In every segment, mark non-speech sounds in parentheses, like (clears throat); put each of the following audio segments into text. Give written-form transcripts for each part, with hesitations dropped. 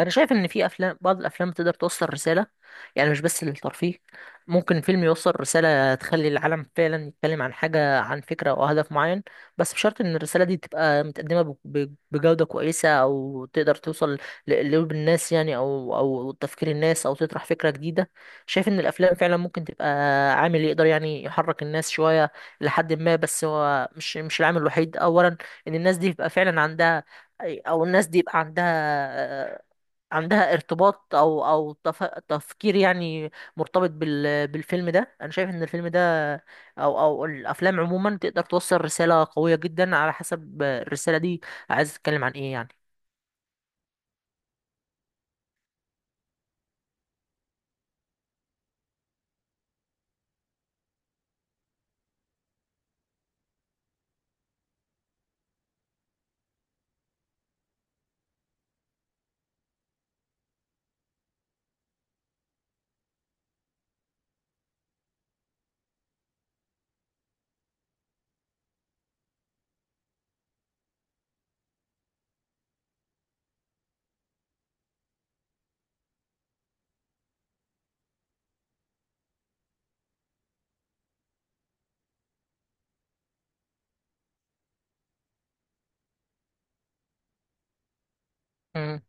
انا شايف ان في افلام بعض الافلام تقدر توصل رساله، يعني مش بس للترفيه. ممكن فيلم يوصل رساله تخلي العالم فعلا يتكلم عن حاجه، عن فكره او هدف معين. بس بشرط ان الرساله دي تبقى متقدمه بجوده كويسه، او تقدر توصل لقلوب الناس يعني، او تفكير الناس، او تطرح فكره جديده. شايف ان الافلام فعلا ممكن تبقى عامل يقدر يعني يحرك الناس شويه لحد ما. بس هو مش العامل الوحيد. اولا ان الناس دي يبقى فعلا عندها، او الناس دي يبقى عندها عندها ارتباط او تفكير يعني، مرتبط بالفيلم ده. انا شايف ان الفيلم ده او الافلام عموما تقدر توصل رسالة قوية جدا، على حسب الرسالة دي عايز تتكلم عن ايه يعني. مم.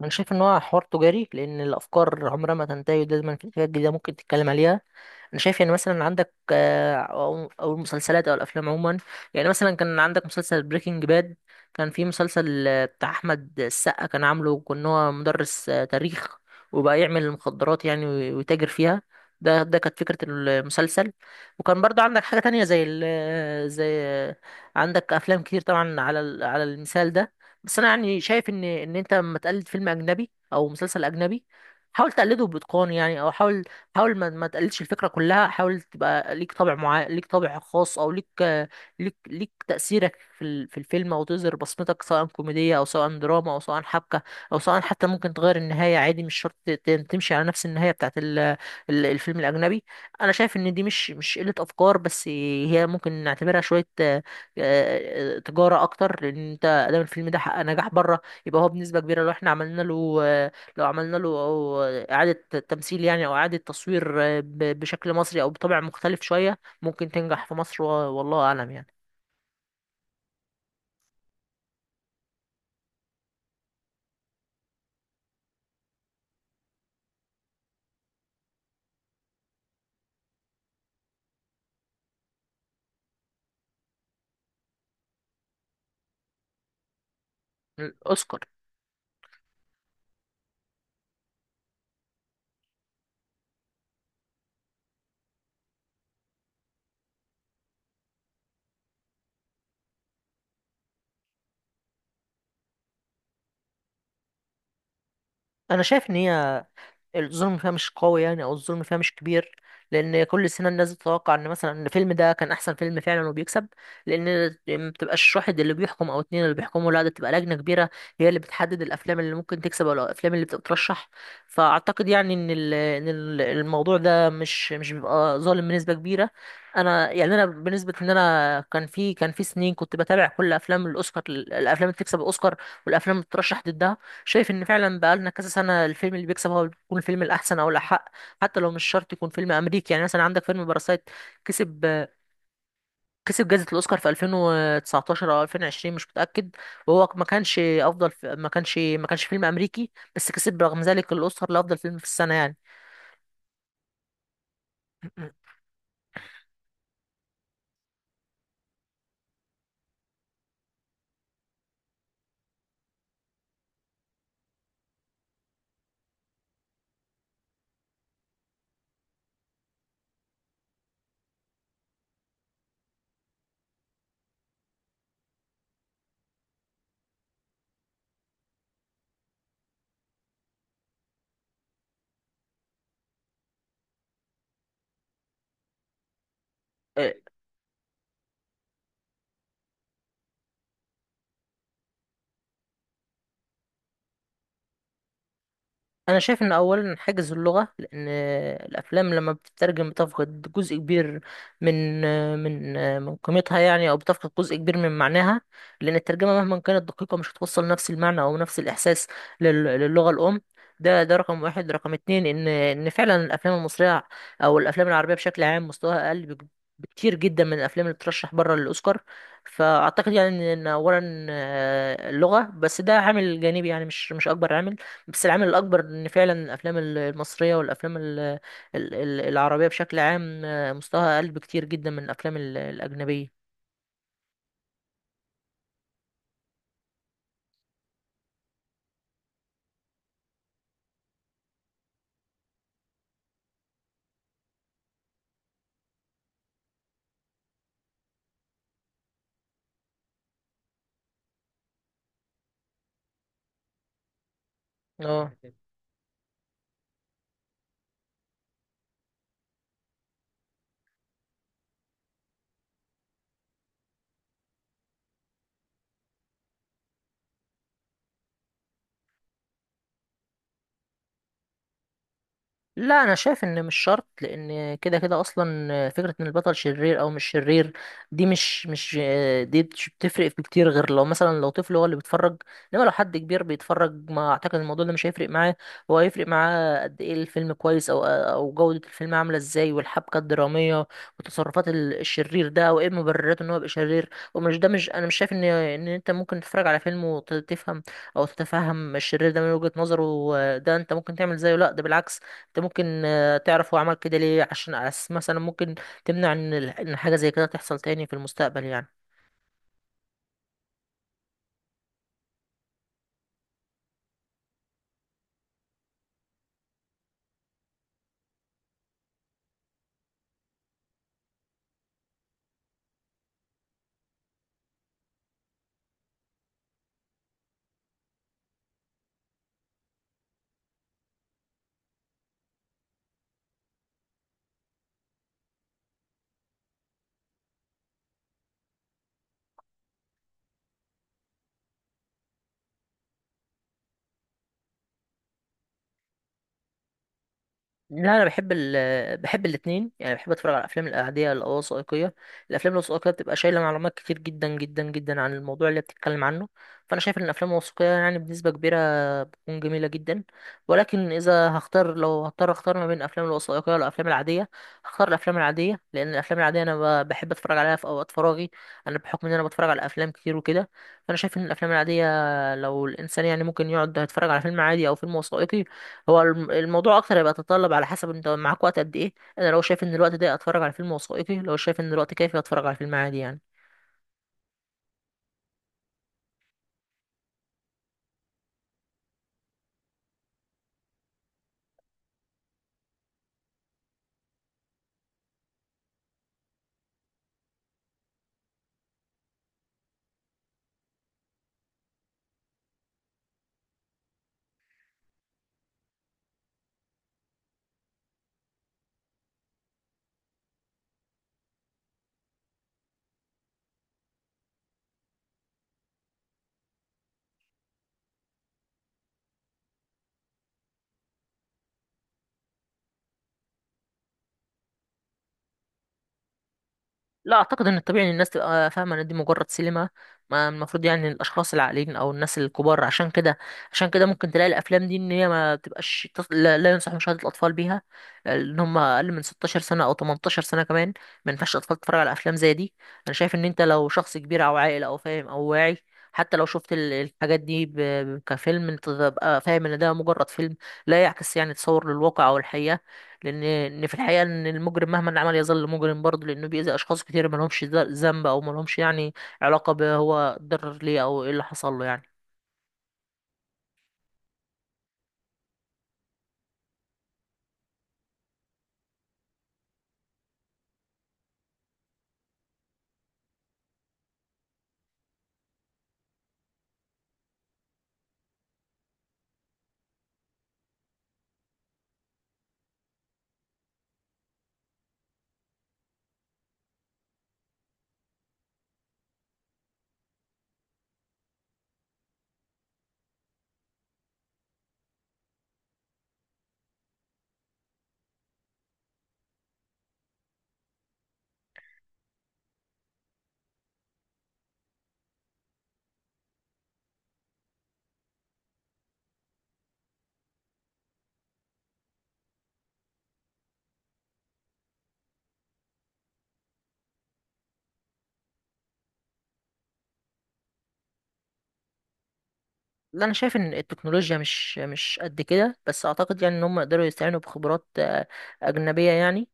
انا شايف ان هو حوار تجاري، لان الافكار عمرها ما تنتهي، ودايما في حاجات جديده ممكن تتكلم عليها. انا شايف يعني، مثلا عندك او المسلسلات او الافلام عموما. يعني مثلا كان عندك مسلسل بريكنج باد، كان في مسلسل بتاع احمد السقا، كان عامله كان هو مدرس تاريخ، وبقى يعمل المخدرات يعني ويتاجر فيها. ده كانت فكرة المسلسل. وكان برضه عندك حاجة تانية زي ال آه، زي آه، عندك أفلام كتير طبعا على على المثال ده. بس أنا يعني شايف إن أنت لما تقلد فيلم أجنبي أو مسلسل أجنبي، حاول تقلده بإتقان يعني. أو حاول، حاول ما تقلدش الفكره كلها. حاول تبقى ليك طابع معين، ليك طابع خاص، او ليك، ليك تاثيرك في في الفيلم، او تظهر بصمتك، سواء كوميديه او سواء دراما او سواء حبكه، او سواء حتى ممكن تغير النهايه عادي، مش شرط تمشي على نفس النهايه بتاعت الفيلم الاجنبي. انا شايف ان دي مش قله افكار بس. هي ممكن نعتبرها شويه تجاره اكتر، لان انت ادام الفيلم ده حقق نجاح بره، يبقى هو بنسبه كبيره لو احنا عملنا له أو إعادة تمثيل يعني، أو إعادة تصوير بشكل مصري، أو بطبع مختلف شوية، ممكن تنجح في مصر والله أعلم يعني. الأوسكار. أنا شايف إن هي الظلم فيها مش قوي يعني، او الظلم فيها مش كبير. لان كل سنه الناس بتتوقع ان مثلا ان الفيلم ده كان احسن فيلم فعلا وبيكسب. لان ما بتبقاش واحد اللي بيحكم او اتنين اللي بيحكموا، لا ده بتبقى لجنه كبيره هي اللي بتحدد الافلام اللي ممكن تكسب او الافلام اللي بتترشح. فاعتقد يعني ان الموضوع ده مش بيبقى ظالم بنسبه كبيره. انا يعني انا بالنسبه ان انا، كان في سنين كنت بتابع كل افلام الاوسكار، الافلام اللي بتكسب الاوسكار والافلام اللي بتترشح ضدها. شايف ان فعلا بقالنا كذا سنه الفيلم اللي بيكسب هو بيكون الفيلم الاحسن او الاحق. حتى لو مش شرط يكون فيلم امريكي، يعني مثلا عندك فيلم باراسايت، كسب كسب جائزه الاوسكار في 2019 او 2020 مش متاكد. وهو ما كانش افضل، ما كانش فيلم امريكي، بس كسب رغم ذلك الاوسكار لافضل فيلم في السنه يعني. (clears throat) آه، انا شايف ان اولا حاجز اللغه، لان الافلام لما بتترجم بتفقد جزء كبير من من من قيمتها يعني، او بتفقد جزء كبير من معناها. لان الترجمه مهما كانت دقيقه مش هتوصل نفس المعنى او نفس الاحساس للغه الام. ده رقم واحد. رقم اتنين ان فعلا الافلام المصريه او الافلام العربيه بشكل عام مستواها اقل بكتير جدا من الافلام اللي بترشح بره للاوسكار. فاعتقد يعني إن اولا اللغه، بس ده عامل جانبي يعني، مش اكبر عامل. بس العامل الأكبر إن فعلا الأفلام المصرية والأفلام ال- العربية بشكل عام مستواها أقل بكتير جدا من الأفلام الأجنبية. اه. لا انا شايف ان مش شرط، لان كده كده اصلا فكره ان البطل شرير او مش شرير دي مش مش دي مش بتفرق في كتير، غير لو مثلا لو طفل هو اللي بيتفرج. انما لو حد كبير بيتفرج ما اعتقد الموضوع ده مش هيفرق معاه. هو هيفرق معاه قد ايه الفيلم كويس، او جوده الفيلم عامله ازاي، والحبكه الدراميه وتصرفات الشرير ده، وايه مبررات ان هو يبقى شرير. ومش ده مش انا مش شايف ان انت ممكن تتفرج على فيلم وتفهم او تتفهم الشرير ده من وجهه نظره، ده انت ممكن تعمل زيه. لا ده بالعكس، انت ممكن تعرف هو عمل كده ليه، عشان أس مثلا ممكن تمنع ان حاجه زي كده تحصل تاني في المستقبل يعني. لا انا بحب بحب الاثنين يعني، بحب اتفرج على الافلام الاعاديه الوثائقيه. الافلام الوثائقيه بتبقى شايله معلومات كتير جدا جدا جدا عن الموضوع اللي بتتكلم عنه. فانا شايف ان الافلام الوثائقيه يعني بنسبه كبيره تكون جميلة جدا. ولكن إذا هختار، لو هضطر أختار ما بين الأفلام الوثائقية والأفلام العادية، هختار الأفلام العادية. لأن الأفلام العادية أنا بحب أتفرج عليها في أوقات فراغي، أنا بحكم إن أنا بتفرج على أفلام كتير وكده. فأنا شايف إن الأفلام العادية، لو الإنسان يعني ممكن يقعد يتفرج على فيلم عادي أو فيلم وثائقي، هو الموضوع أكتر هيبقى يتطلب على حسب أنت معاك وقت قد إيه. أنا لو شايف إن الوقت ده أتفرج على فيلم وثائقي، لو شايف إن الوقت كافي أتفرج على فيلم عادي يعني. لا اعتقد ان الطبيعي ان الناس تبقى فاهمه ان دي مجرد سينما. ما المفروض يعني الاشخاص العاقلين او الناس الكبار. عشان كده ممكن تلاقي الافلام دي ان هي ما تبقاش لا، لا ينصح مشاهده الاطفال بيها ان هم اقل من 16 سنه او 18 سنه كمان. ما ينفعش الاطفال تتفرج على افلام زي دي. انا شايف ان انت لو شخص كبير او عاقل او فاهم او واعي، حتى لو شفت الحاجات دي كفيلم، انت تبقى فاهم ان ده مجرد فيلم، لا يعكس يعني تصور للواقع او الحقيقه. لان ان في الحقيقه ان المجرم مهما عمل يظل مجرم برضه، لانه بيأذي اشخاص كتير ما لهمش ذنب، او ما لهمش يعني علاقه، بهو اتضرر ليه او ايه اللي حصل له يعني. لا انا شايف ان التكنولوجيا مش قد كده، بس اعتقد يعني ان هم يقدروا يستعينوا بخبرات اجنبيه يعني.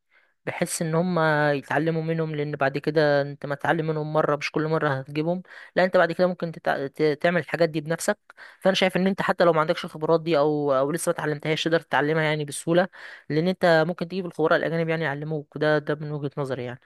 بحيث ان هم يتعلموا منهم، لان بعد كده انت ما تتعلم منهم مره مش كل مره هتجيبهم. لا انت بعد كده ممكن تعمل الحاجات دي بنفسك. فانا شايف ان انت حتى لو ما عندكش الخبرات دي او لسه ما اتعلمتهاش، تقدر تتعلمها يعني بسهوله، لان انت ممكن تجيب الخبراء الاجانب يعني يعلموك. ده من وجهه نظري يعني.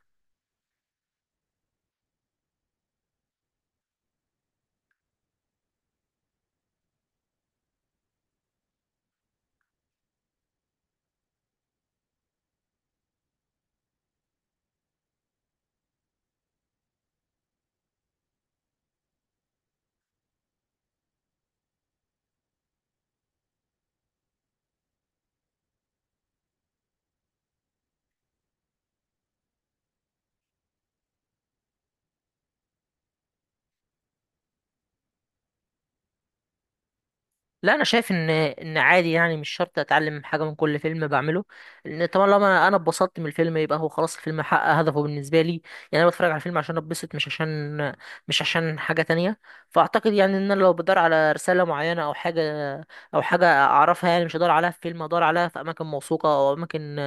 لا انا شايف ان عادي يعني، مش شرط اتعلم حاجه من كل فيلم بعمله. لان طبعا لما انا اتبسطت من الفيلم يبقى هو خلاص الفيلم حقق هدفه بالنسبه لي، يعني انا بتفرج على الفيلم عشان اتبسط، مش عشان حاجه تانية. فاعتقد يعني ان انا لو بدور على رساله معينه او حاجه اعرفها يعني، مش هدور عليها في فيلم، هدور عليها في اماكن موثوقه، او اماكن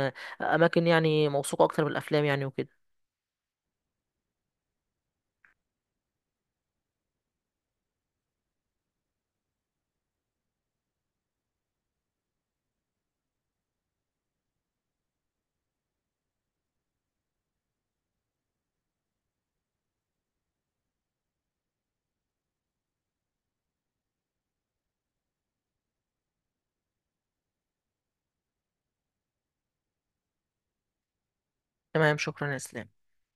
اماكن يعني موثوقه اكتر من الافلام يعني وكده. تمام، شكرا يا اسلام.